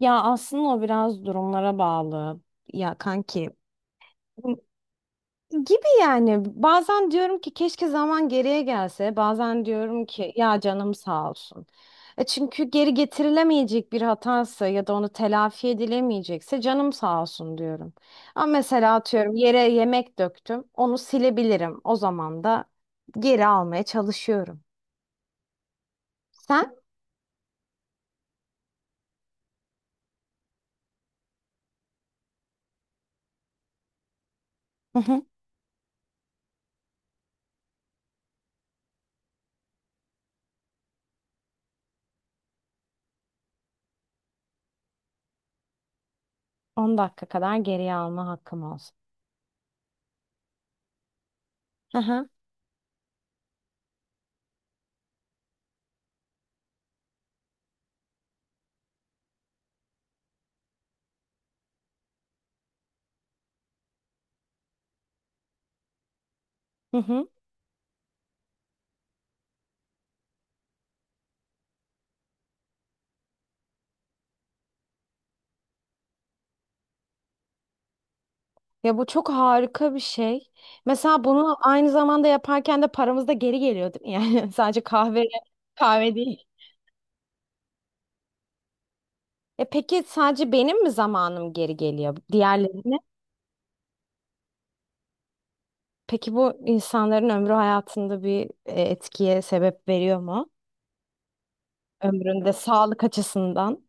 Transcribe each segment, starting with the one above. Ya aslında o biraz durumlara bağlı. Ya kanki gibi yani bazen diyorum ki keşke zaman geriye gelse. Bazen diyorum ki ya canım sağ olsun. Çünkü geri getirilemeyecek bir hatası ya da onu telafi edilemeyecekse canım sağ olsun diyorum. Ama mesela atıyorum yere yemek döktüm. Onu silebilirim. O zaman da geri almaya çalışıyorum. Sen? Hı hı. 10 dakika kadar geriye alma hakkım olsun. Hı hı. Hı hı. Ya bu çok harika bir şey. Mesela bunu aynı zamanda yaparken de paramız da geri geliyor değil mi? Yani sadece kahve değil. Peki sadece benim mi zamanım geri geliyor? Diğerlerine? Peki bu insanların ömrü hayatında bir etkiye sebep veriyor mu? Ömründe sağlık açısından.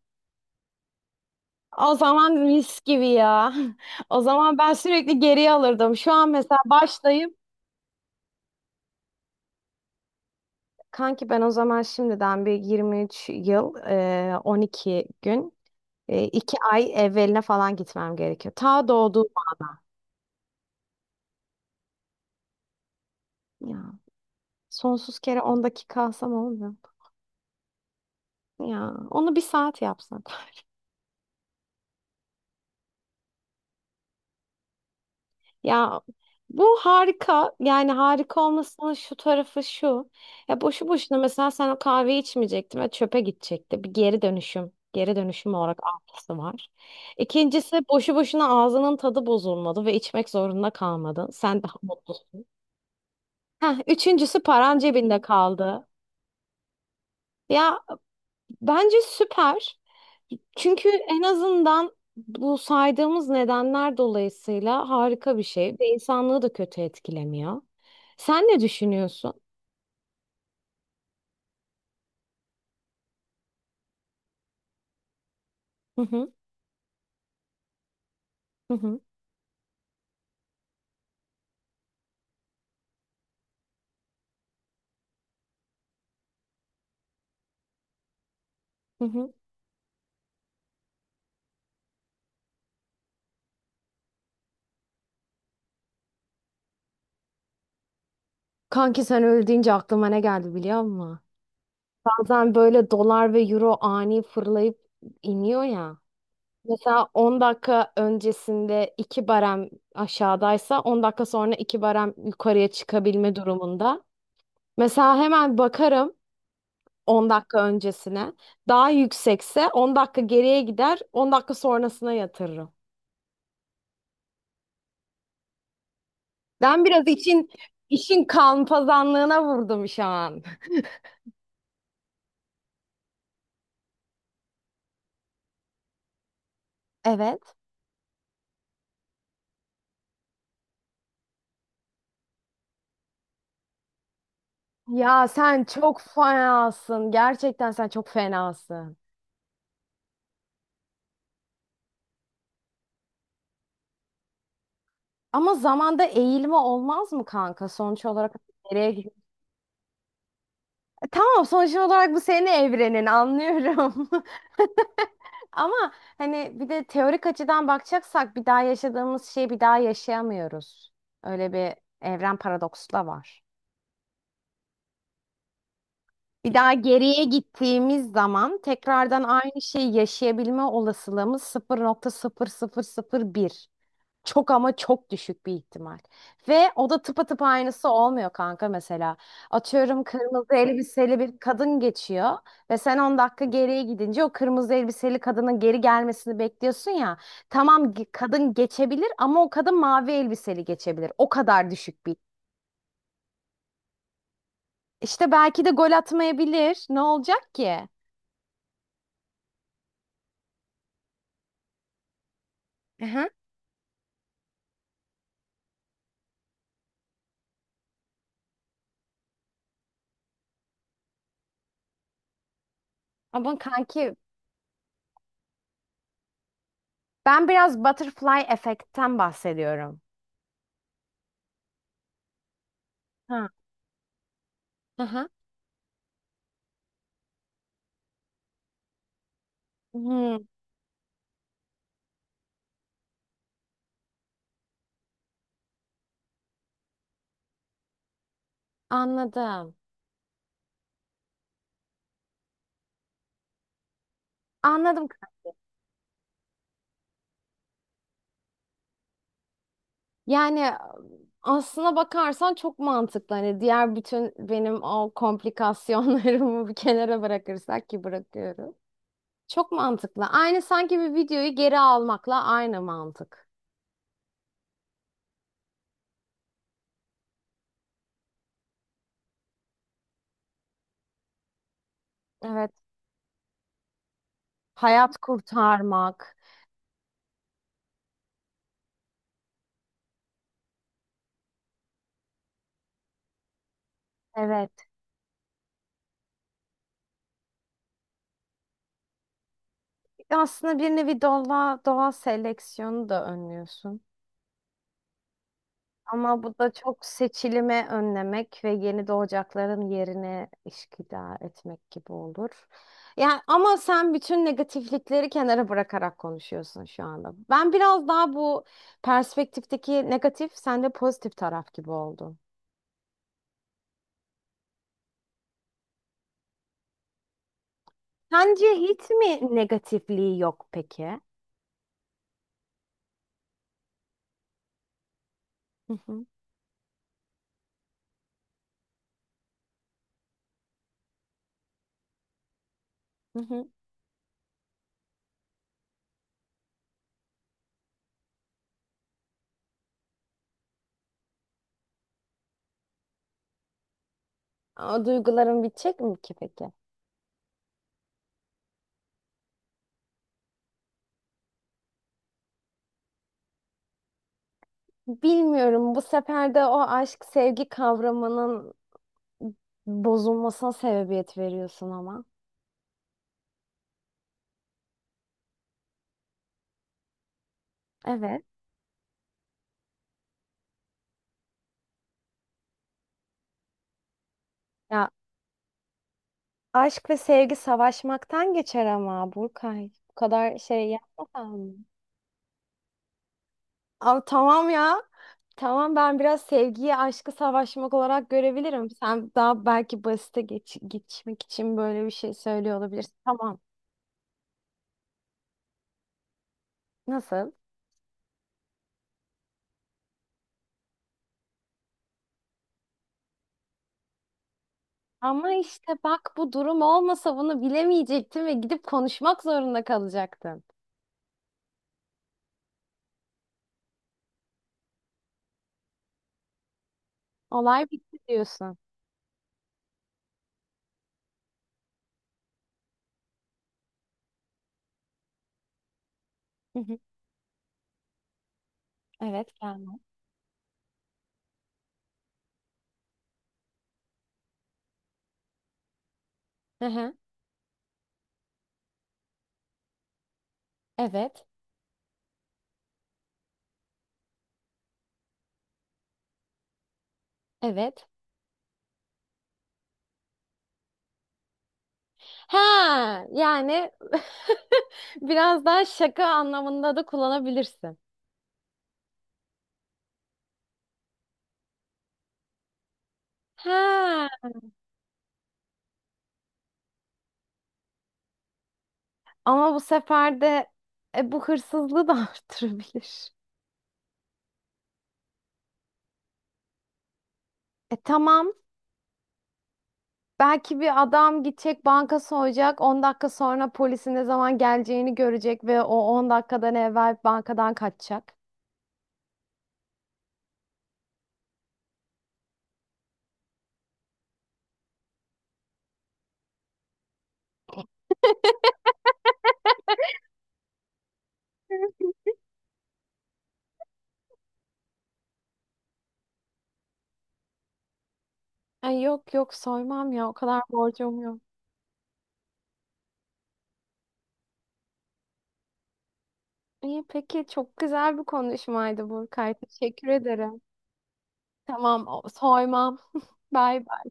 O zaman mis gibi ya. O zaman ben sürekli geriye alırdım. Şu an mesela başlayıp kanki ben o zaman şimdiden bir 23 yıl 12 gün 2 ay evveline falan gitmem gerekiyor. Ta doğduğum an ya. Sonsuz kere 10 dakika alsam olmuyor. Ya onu bir saat yapsak. Ya bu harika. Yani harika olmasının şu tarafı şu. Ya boşu boşuna mesela sen o kahveyi içmeyecektin ve çöpe gidecekti. Bir geri dönüşüm. Geri dönüşüm olarak artısı var. İkincisi boşu boşuna ağzının tadı bozulmadı ve içmek zorunda kalmadın. Sen daha mutlusun. Heh, üçüncüsü paran cebinde kaldı. Ya, bence süper. Çünkü en azından bu saydığımız nedenler dolayısıyla harika bir şey ve insanlığı da kötü etkilemiyor. Sen ne düşünüyorsun? Hı hı, hı hı, hı hı. Kanki sen öyle deyince aklıma ne geldi biliyor musun? Bazen böyle dolar ve euro ani fırlayıp iniyor ya. Mesela 10 dakika öncesinde 2 barem aşağıdaysa 10 dakika sonra 2 barem yukarıya çıkabilme durumunda. Mesela hemen bakarım. 10 dakika öncesine. Daha yüksekse 10 dakika geriye gider, 10 dakika sonrasına yatırırım. Ben biraz işin kalpazanlığına vurdum şu an. Evet. Ya sen çok fenasın. Gerçekten sen çok fenasın. Ama zamanda eğilme olmaz mı kanka? Sonuç olarak nereye. Tamam, sonuç olarak bu senin evrenin anlıyorum. Ama hani bir de teorik açıdan bakacaksak bir daha yaşadığımız şeyi bir daha yaşayamıyoruz. Öyle bir evren paradoksu da var. Bir daha geriye gittiğimiz zaman tekrardan aynı şeyi yaşayabilme olasılığımız sıfır nokta sıfır sıfır sıfır nokta bir. Çok ama çok düşük bir ihtimal. Ve o da tıpatıp aynısı olmuyor kanka mesela. Atıyorum kırmızı elbiseli bir kadın geçiyor ve sen 10 dakika geriye gidince o kırmızı elbiseli kadının geri gelmesini bekliyorsun ya. Tamam, kadın geçebilir ama o kadın mavi elbiseli geçebilir. O kadar düşük bir. İşte belki de gol atmayabilir. Ne olacak ki? Aha. Ama kanki ben biraz butterfly efektten bahsediyorum. Ha. Aha. Hmm, anladım. Anladım. Yani aslına bakarsan çok mantıklı. Hani diğer bütün benim o komplikasyonlarımı bir kenara bırakırsak ki bırakıyorum. Çok mantıklı. Aynı sanki bir videoyu geri almakla aynı mantık. Evet. Hayat kurtarmak. Evet. Aslında bir nevi doğa seleksiyonu da önlüyorsun. Ama bu da çok seçilimi önlemek ve yeni doğacakların yerine işgüdar etmek gibi olur. Yani ama sen bütün negatiflikleri kenara bırakarak konuşuyorsun şu anda. Ben biraz daha bu perspektifteki negatif, sen de pozitif taraf gibi oldun. Sence hiç mi negatifliği yok peki? Hı hı, hı hı. O duyguların bitecek mi ki peki? Bilmiyorum. Bu sefer de o aşk sevgi kavramının bozulmasına sebebiyet veriyorsun ama. Evet. Ya aşk ve sevgi savaşmaktan geçer ama Burkay. Bu kadar şey yapmasan mı? Ama tamam ya. Tamam ben biraz sevgiyi aşkı savaşmak olarak görebilirim. Sen daha belki basite geçmek için böyle bir şey söylüyor olabilirsin. Tamam. Nasıl? Ama işte bak bu durum olmasa bunu bilemeyecektin ve gidip konuşmak zorunda kalacaktın. Olay bitti diyorsun. Hı hı. Evet gelme. Hı hı. Evet. Evet. Ha, yani biraz daha şaka anlamında da kullanabilirsin. Ha, ama bu sefer de bu hırsızlığı da arttırabilir. Tamam. Belki bir adam gidecek banka soyacak. 10 dakika sonra polisin ne zaman geleceğini görecek ve o 10 dakikadan evvel bankadan kaçacak. Ay, yok yok, soymam ya, o kadar borcum yok. İyi peki, çok güzel bir konuşmaydı Burkay. Teşekkür ederim. Tamam, soymam. Bay bay.